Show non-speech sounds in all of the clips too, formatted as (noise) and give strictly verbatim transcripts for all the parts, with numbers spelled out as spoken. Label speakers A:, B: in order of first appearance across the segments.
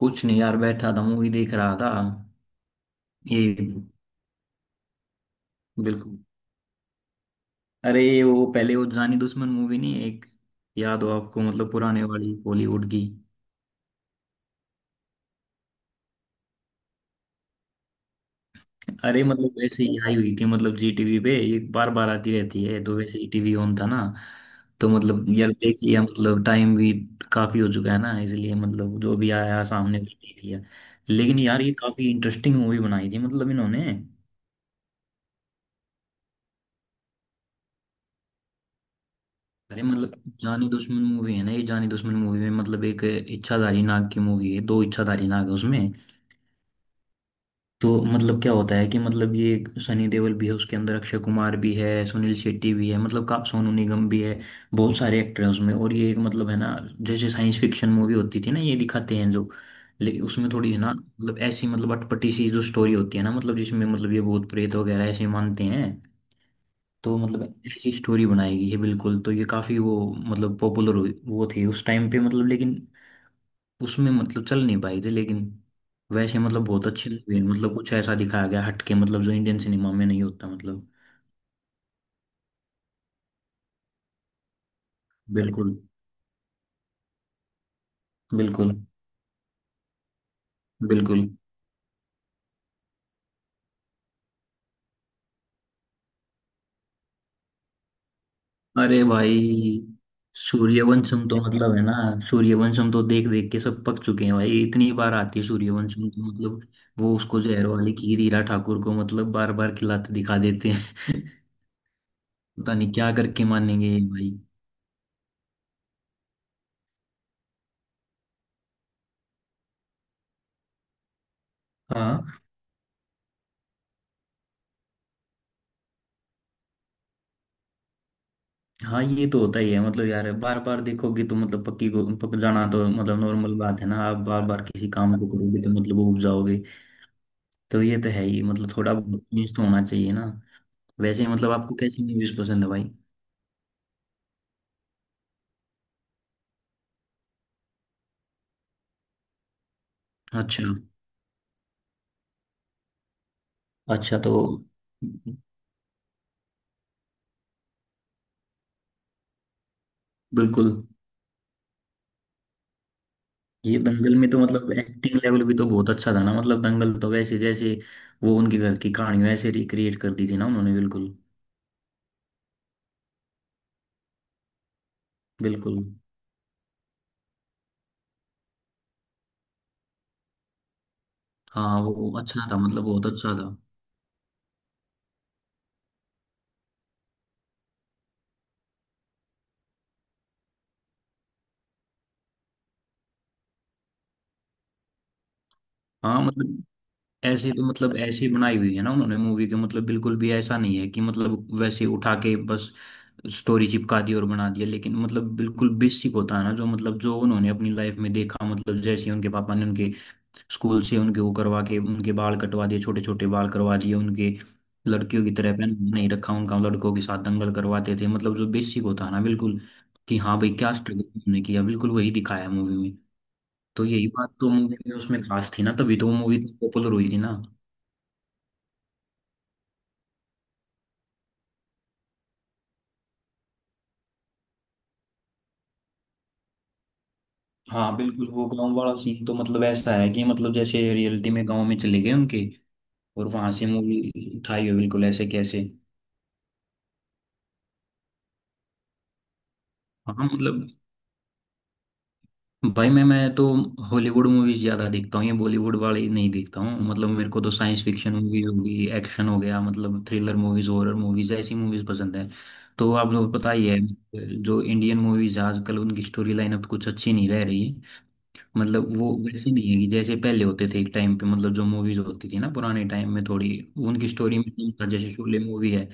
A: कुछ नहीं यार, बैठा था मूवी देख रहा था। ये। बिल्कुल। अरे ये वो पहले वो जानी दुश्मन मूवी नहीं एक याद हो आपको मतलब पुराने वाली बॉलीवुड की। अरे मतलब वैसे ही आई हुई थी, मतलब जी टीवी पे ये बार बार आती रहती है, तो वैसे ही टीवी ऑन था ना। तो मतलब यार देख लिया, मतलब टाइम भी काफी हो चुका है ना, इसलिए मतलब जो भी आया सामने भी देख लिया। लेकिन यार ये काफी इंटरेस्टिंग मूवी बनाई थी मतलब इन्होंने। अरे मतलब जानी दुश्मन मूवी है ना, ये जानी दुश्मन मूवी में मतलब एक इच्छाधारी नाग की मूवी है, दो इच्छाधारी नाग है उसमें। तो मतलब क्या होता है कि मतलब ये सनी देओल भी है, उसके अंदर अक्षय कुमार भी है, सुनील शेट्टी भी है, मतलब का सोनू निगम भी है। बहुत सारे एक्टर हैं उसमें, और ये एक मतलब है ना जैसे साइंस फिक्शन मूवी होती थी ना ये दिखाते हैं जो। लेकिन उसमें थोड़ी है ना मतलब ऐसी मतलब अटपटी सी जो स्टोरी होती है ना, मतलब जिसमें मतलब ये भूत प्रेत वगैरह ऐसे मानते हैं। तो मतलब ऐसी स्टोरी बनाई गई है बिल्कुल, तो ये काफी वो मतलब पॉपुलर वो थी उस टाइम पे मतलब, लेकिन उसमें मतलब चल नहीं पाई थी, लेकिन वैसे मतलब बहुत अच्छी लगी मतलब कुछ ऐसा दिखाया गया हटके मतलब जो इंडियन सिनेमा में नहीं होता मतलब। बिल्कुल। बिल्कुल। बिल्कुल। अरे भाई सूर्यवंशम तो मतलब है ना, सूर्यवंशम तो देख देख के सब पक चुके हैं भाई, इतनी बार आती है सूर्यवंशम तो मतलब वो उसको जहर वाली खीर हीरा ठाकुर को मतलब बार बार खिलाते दिखा देते हैं। (laughs) पता नहीं क्या करके मानेंगे ये भाई। हाँ। हाँ, ये तो होता ही है मतलब यार, बार बार देखोगे तो मतलब पक्की को पक जाना तो मतलब नॉर्मल बात है ना, आप बार बार किसी काम को करोगे तो मतलब वो उब जाओगे। तो ये तो है ही मतलब थोड़ा न्यूज़ तो होना चाहिए ना। वैसे मतलब आपको कैसी न्यूज़ पसंद है भाई? अच्छा। अच्छा। तो बिल्कुल। ये दंगल में तो मतलब एक्टिंग लेवल भी तो बहुत अच्छा था ना, मतलब दंगल तो वैसे जैसे वो उनके घर की कहानी वैसे रिक्रिएट कर दी थी ना उन्होंने बिल्कुल। बिल्कुल। हाँ वो अच्छा था मतलब, बहुत अच्छा था। हाँ मतलब ऐसे तो मतलब ऐसी बनाई हुई है ना उन्होंने मूवी के मतलब, बिल्कुल भी ऐसा नहीं है कि मतलब वैसे उठा के बस स्टोरी चिपका दी और बना दिया, लेकिन मतलब बिल्कुल बेसिक होता है ना, जो मतलब जो उन्होंने अपनी लाइफ में देखा, मतलब जैसे उनके पापा ने उनके स्कूल से उनके वो करवा के उनके बाल कटवा दिए, छोटे छोटे बाल करवा दिए उनके, लड़कियों की तरह पहन नहीं रखा उनका, लड़कों के साथ दंगल करवाते थे, मतलब जो बेसिक होता है ना, बिल्कुल कि हाँ भाई क्या स्ट्रगल उन्होंने किया बिल्कुल वही दिखाया है मूवी में। तो यही बात तो मूवी में उसमें खास थी ना, तभी तो वो मूवी पॉपुलर हुई थी ना। हाँ बिल्कुल वो गांव वाला सीन तो मतलब ऐसा है कि मतलब जैसे रियलिटी में गांव में चले गए उनके और वहां से मूवी उठाई हो, बिल्कुल ऐसे कैसे। हाँ मतलब भाई मैं मैं तो हॉलीवुड मूवीज ज्यादा देखता हूँ, ये बॉलीवुड वाली नहीं देखता हूँ, मतलब मेरे को तो साइंस फिक्शन मूवीज होगी, एक्शन हो गया, मतलब थ्रिलर मूवीज, हॉरर मूवीज ऐसी मूवीज पसंद है। तो आप लोग पता ही है, जो इंडियन मूवीज आजकल उनकी स्टोरी लाइन अब कुछ अच्छी नहीं रह रही। मतलब वो वैसे नहीं है कि जैसे पहले होते थे एक टाइम पे, मतलब जो मूवीज होती थी ना पुराने टाइम में, थोड़ी उनकी स्टोरी में नहीं था, जैसे शोले मूवी है,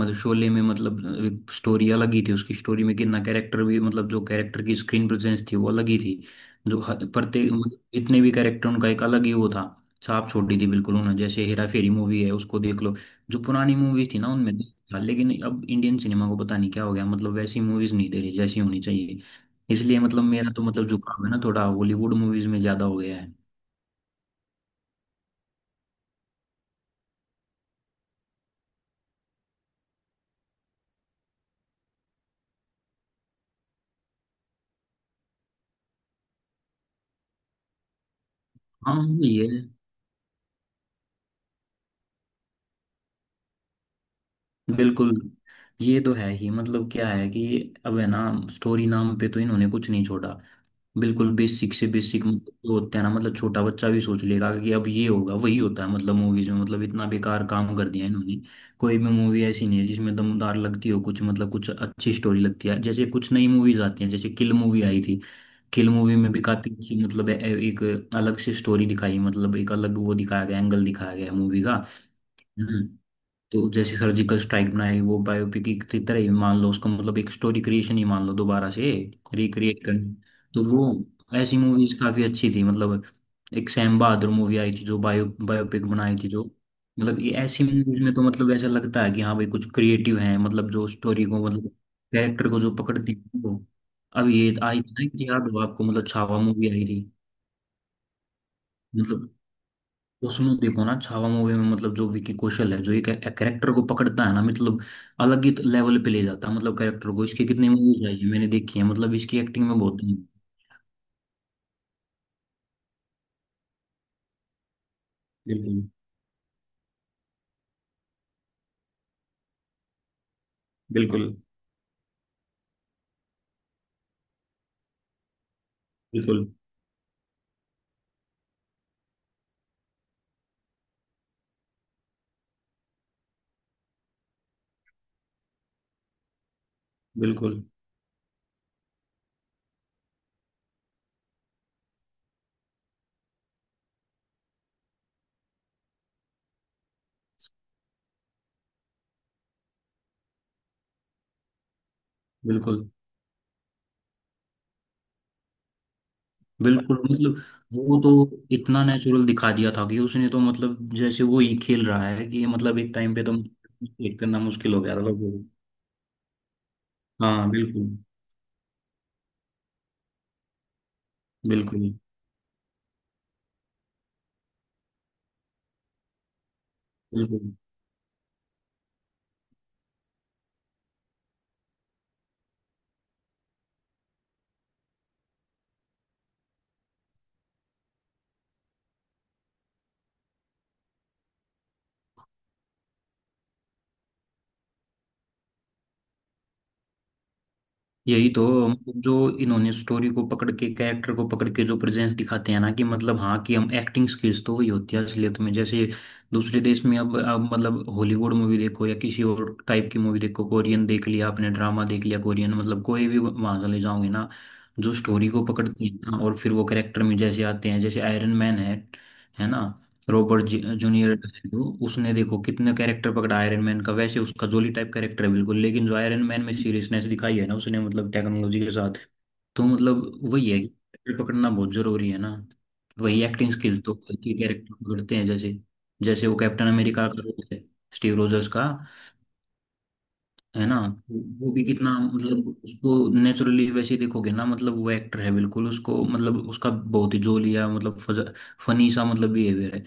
A: मतलब शोले में मतलब स्टोरी अलग ही थी उसकी, स्टोरी में कितना कैरेक्टर भी मतलब जो कैरेक्टर की स्क्रीन प्रेजेंस थी वो अलग ही थी। जो हर- प्रत्येक मतलब जितने भी कैरेक्टर, उनका एक अलग ही वो था, छाप छोड़ दी थी बिल्कुल उन्होंने, जैसे हेरा फेरी मूवी है उसको देख लो, जो पुरानी मूवीज थी ना उनमें तो था। लेकिन अब इंडियन सिनेमा को पता नहीं क्या हो गया, मतलब वैसी मूवीज नहीं दे रही जैसी होनी चाहिए, इसलिए मतलब मेरा तो मतलब झुकाव है ना थोड़ा हॉलीवुड मूवीज में ज्यादा हो गया है। हाँ ये बिल्कुल। ये तो है ही मतलब क्या है कि अब है ना स्टोरी नाम पे तो इन्होंने कुछ नहीं छोड़ा, बिल्कुल बेसिक से बेसिक मतलब जो होते हैं ना, मतलब छोटा बच्चा भी सोच लेगा कि अब ये होगा वही होता है मतलब मूवीज में, मतलब इतना बेकार काम कर दिया इन्होंने। कोई भी मूवी ऐसी नहीं है जिसमें दमदार लगती हो कुछ, मतलब कुछ अच्छी स्टोरी लगती है जैसे कुछ नई मूवीज आती हैं, जैसे किल मूवी आई थी। किल मूवी में भी काफी अच्छी मतलब ए- एक अलग से स्टोरी दिखाई, मतलब एक अलग वो दिखाया गया, एंगल दिखाया गया मूवी का। हम्म। तो जैसे सर्जिकल स्ट्राइक बनाई, वो बायोपिक की तरह ही मान लो उसको, मतलब एक स्टोरी क्रिएशन ही मान लो दोबारा से रिक्रिएट करनी। तो वो ऐसी मूवीज काफी अच्छी थी मतलब, एक सैम बहादुर मूवी आई थी जो बायो बायोपिक बनाई थी जो, मतलब ये ऐसी मूवीज में तो मतलब ऐसा लगता है कि हाँ भाई कुछ क्रिएटिव है, मतलब जो स्टोरी को मतलब कैरेक्टर को जो पकड़ती है वो। अब ये आई थी ना कि याद हो आपको, मतलब छावा मूवी आई थी। मतलब उसमें देखो ना, छावा मूवी में मतलब जो विकी कौशल है जो एक कैरेक्टर को पकड़ता है ना, मतलब अलग ही लेवल पे ले जाता है मतलब कैरेक्टर को। इसकी कितनी मूवीज आई है मैंने देखी है, मतलब इसकी एक्टिंग में बहुत है। बिल्कुल। बिल्कुल। बिल्कुल। बिल्कुल। बिल्कुल। बिल्कुल। मतलब वो तो इतना नेचुरल दिखा दिया था कि उसने तो मतलब जैसे वो ही खेल रहा है कि, मतलब एक टाइम पे तो एक करना मुश्किल हो गया था लोगों को। हाँ बिल्कुल। बिल्कुल। बिल्कुल। यही तो मतलब जो इन्होंने स्टोरी को पकड़ के कैरेक्टर को पकड़ के जो प्रेजेंस दिखाते हैं ना, कि मतलब हाँ कि हम एक्टिंग स्किल्स तो वही होती है असलियत में, जैसे दूसरे देश में अब अब मतलब हॉलीवुड मूवी देखो या किसी और टाइप की मूवी देखो, कोरियन देख लिया आपने, ड्रामा देख लिया कोरियन, मतलब कोई भी वहां चले जाओगे ना, जो स्टोरी को पकड़ती है ना और फिर वो कैरेक्टर में जैसे आते हैं, जैसे आयरन मैन है है ना, रॉबर्ट जूनियर। उसने देखो कितने कैरेक्टर पकड़ा आयरन मैन का, वैसे उसका जोली टाइप कैरेक्टर है बिल्कुल, लेकिन जो आयरन मैन में सीरियसनेस दिखाई है ना उसने मतलब टेक्नोलॉजी के साथ। तो मतलब वही है कि character पकड़ना बहुत जरूरी है ना। वही एक्टिंग स्किल तो की कैरेक्टर पकड़ते हैं, जैसे जैसे वो कैप्टन अमेरिका का रोल है स्टीव रोजर्स का, है ना। तो वो भी कितना मतलब उसको नेचुरली वैसे देखोगे ना, मतलब वो एक्टर है बिल्कुल उसको, मतलब उसका बहुत ही जोलिया मतलब फनी सा मतलब बिहेवियर है,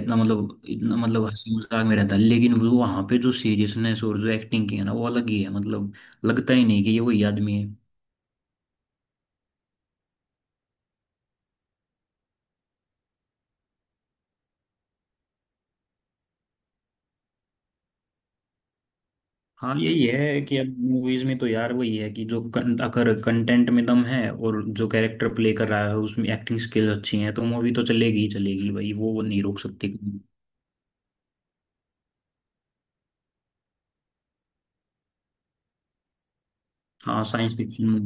A: इतना मतलब इतना मतलब हंसी मजाक में रहता है, लेकिन वो वहां पे जो सीरियसनेस और जो एक्टिंग की है ना वो अलग ही है मतलब, लगता ही नहीं कि ये वही आदमी है। हाँ यही है कि अब मूवीज में तो यार वही है कि जो कं, अगर कंटेंट में दम है और जो कैरेक्टर प्ले कर रहा है उसमें एक्टिंग स्किल्स अच्छी हैं, तो मूवी तो चलेगी ही चलेगी भाई, वो वो नहीं रोक सकते। हाँ साइंस फिक्शन,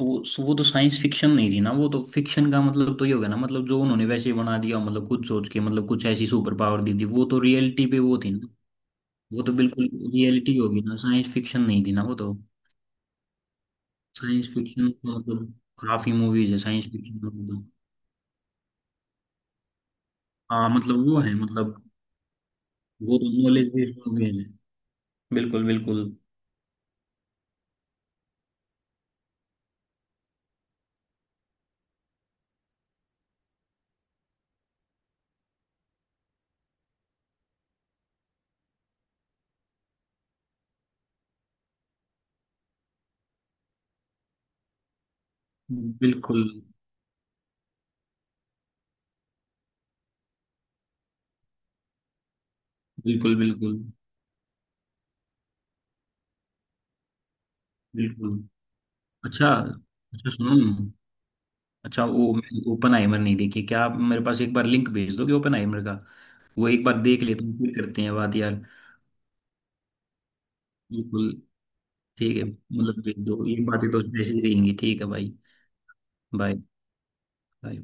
A: वो वो तो साइंस फिक्शन नहीं थी ना, वो तो फिक्शन का मतलब तो ये हो गया ना, मतलब जो उन्होंने वैसे ही बना दिया, मतलब कुछ सोच के, मतलब कुछ ऐसी सुपर पावर दी थी, वो तो रियलिटी पे वो थी। वो तो बिल्कुल रियलिटी होगी ना, साइंस फिक्शन नहीं थी ना वो तो। साइंस फिक्शन तो मतलब काफी मूवीज है साइंस फिक्शन में तो मतलब। हाँ मतलब वो है मतलब वो तो नॉलेज बेस्ड मूवीज है, बिल्कुल। बिल्कुल। बिल्कुल। बिल्कुल। बिल्कुल। बिल्कुल। अच्छा। अच्छा सुनो ना। अच्छा वो मैंने ओपन आइमर नहीं देखी, क्या आप मेरे पास एक बार लिंक भेज दोगे ओपन आइमर का? वो एक बार देख लेते हैं फिर करते हैं बात यार। बिल्कुल ठीक है मतलब भेज दो, ये बातें तो ऐसी ही रहेंगी, ठीक है भाई। बाय। बाय।